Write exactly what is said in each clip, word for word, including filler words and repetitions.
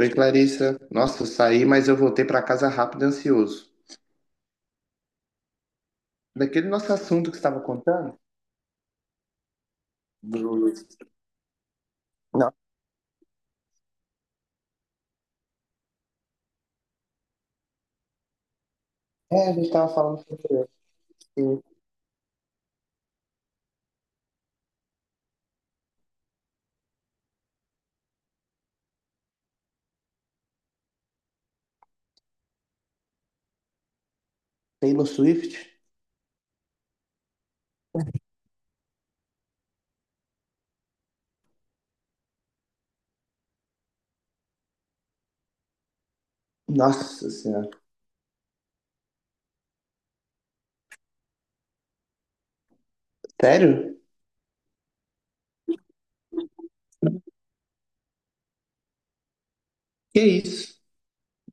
Oi, Clarissa. Nossa, eu saí, mas eu voltei para casa rápido e ansioso. Daquele nosso assunto que você estava contando? Do... Não. É, a gente estava falando sobre assim, Taylor Swift. Nossa Senhora. Sério? Que isso?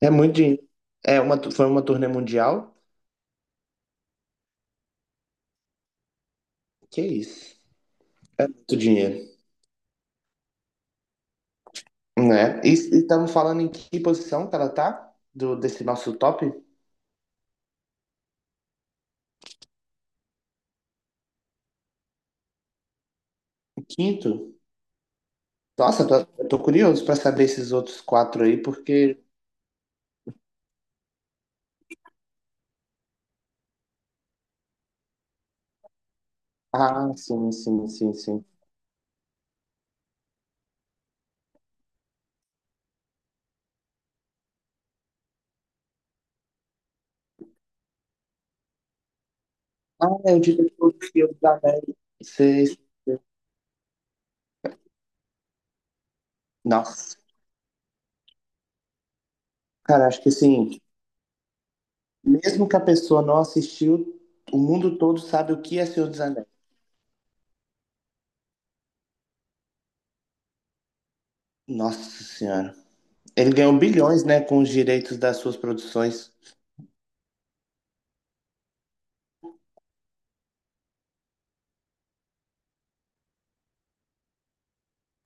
É muito dinheiro. É uma, tu- foi uma turnê mundial? Que isso? É muito dinheiro. Né? E e estamos falando em que posição que ela tá? Do, desse nosso top? Quinto? Nossa, eu tô, eu tô curioso para saber esses outros quatro aí, porque. Ah, sim, sim, sim, sim. Ah, é o diretor do filme também. Fez. Nossa, cara, acho que assim, mesmo que a pessoa não assistiu, o mundo todo sabe o que é Senhor dos Anéis. Nossa Senhora. Ele ganhou bilhões, né, com os direitos das suas produções.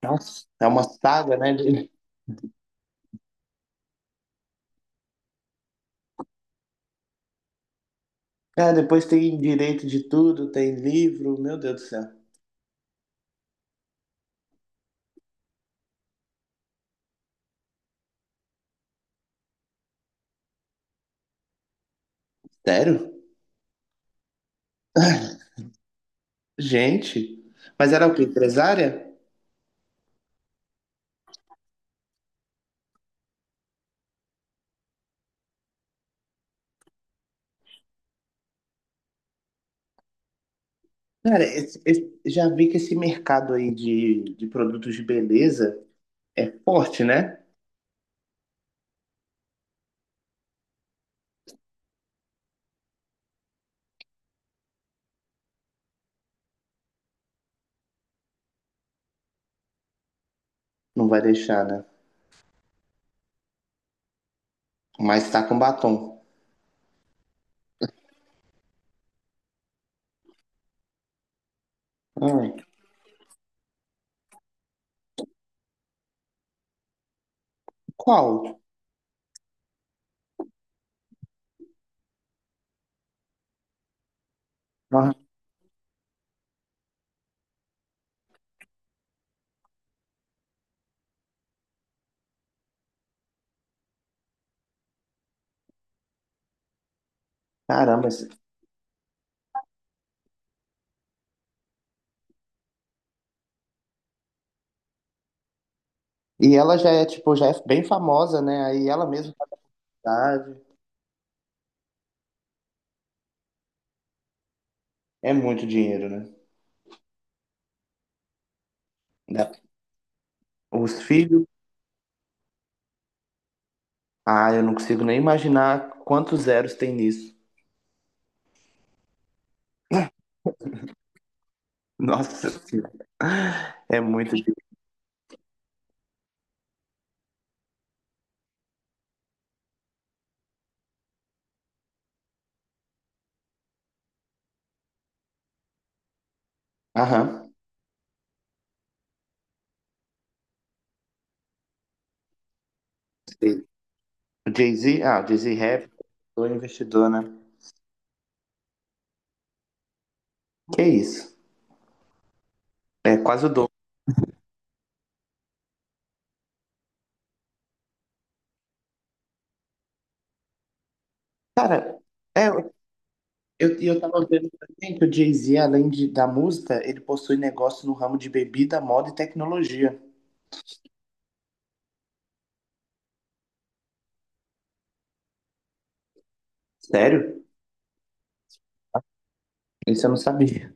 Nossa, é uma saga, né? de- É, depois tem direito de tudo, tem livro, meu Deus do céu. Sério? Gente. Mas era o quê? Empresária? Cara, esse- esse- já vi que esse mercado aí de, de produtos de beleza é forte, né? Não vai deixar, né? Mas tá com batom. Ai, qual? Ah, caramba. Esse- E ela já é, tipo, já é bem famosa, né? Aí ela mesma faz idade. É muito dinheiro, né? Dá- Os filhos. Ah, eu não consigo nem imaginar quantos zeros tem nisso. Nossa Senhora. É muito dinheiro. Aham. Sei. O Jay-Z, ah, o Jay-Z é rap, o investidor, né? Que isso? É quase o dobro. Cara, é, Eu, e eu tava vendo também que o Jay-Z, além de, da música, ele possui negócio no ramo de bebida, moda e tecnologia. Sério? Isso eu não sabia.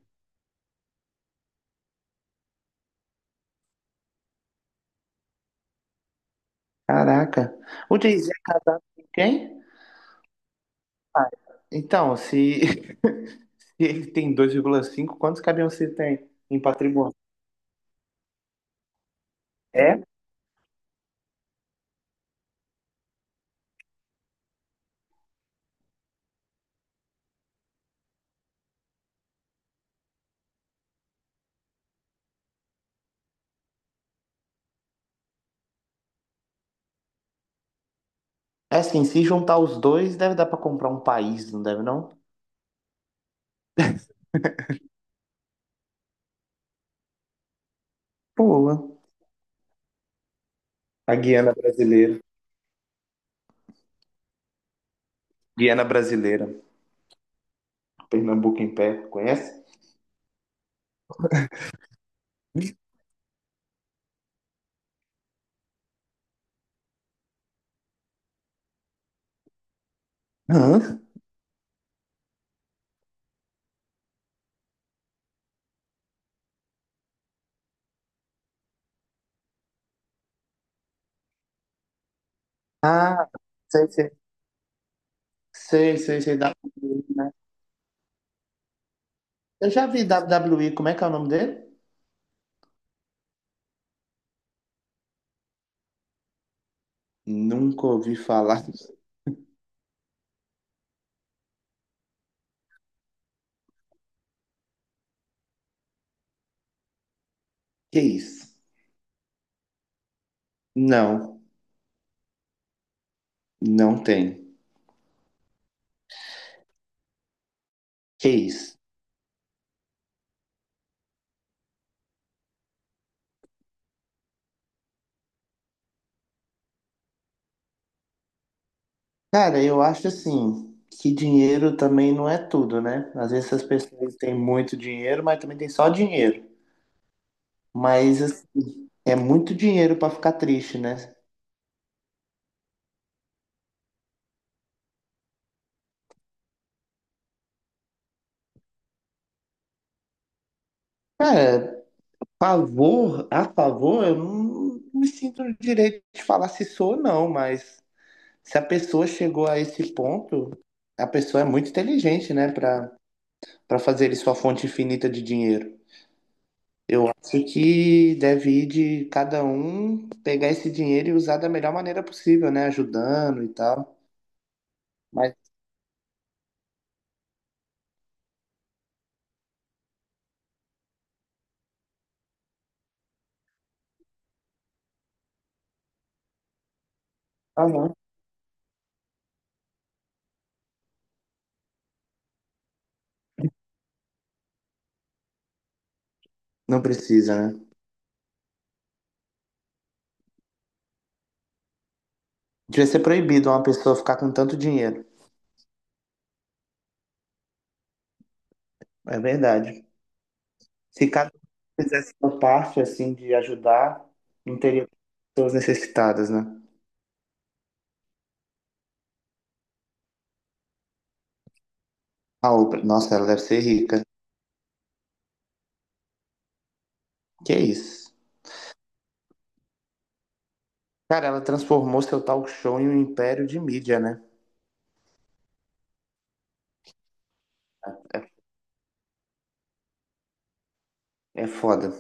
Caraca. O Jay-Z é casado com quem? Ah, então, se, se ele tem dois vírgula cinco, quantos caminhões você tem em patrimônio? É? É assim, se juntar os dois, deve dar pra comprar um país, não deve não? Boa. A Guiana brasileira. Guiana brasileira. Pernambuco em pé, conhece? Hã? Ah, sei, sei. Sei, sei, sei. Da Eu já vi W W E, como é que é o nome dele? Nunca ouvi falar. Que isso? Não, não tem. Que isso? Cara, eu acho assim, que dinheiro também não é tudo, né? Às vezes as pessoas têm muito dinheiro, mas também tem só dinheiro. Mas assim, é muito dinheiro pra ficar triste, né? Cara, favor, a favor, eu não me sinto no direito de falar se sou ou não, mas se a pessoa chegou a esse ponto, a pessoa é muito inteligente, né, para para fazer sua fonte infinita de dinheiro. Acho que deve ir de cada um pegar esse dinheiro e usar da melhor maneira possível, né, ajudando e tal. Mas ah, não, não precisa, né? Devia ser proibido uma pessoa ficar com tanto dinheiro. É verdade. Se cada um fizesse sua parte assim de ajudar, não teria pessoas necessitadas, né? A Oprah, nossa, ela deve ser rica. Que isso? Cara, ela transformou seu talk show em um império de mídia, né? É foda.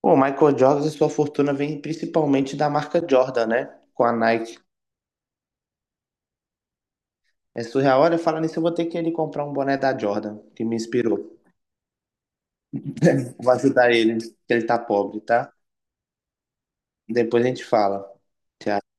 O Michael Jordan e sua fortuna vem principalmente da marca Jordan, né? Com a Nike. É surreal. Olha, falando nisso, eu vou ter que ele comprar um boné da Jordan, que me inspirou. Vou ajudar ele, que ele tá pobre, tá? Depois a gente fala. Tchau.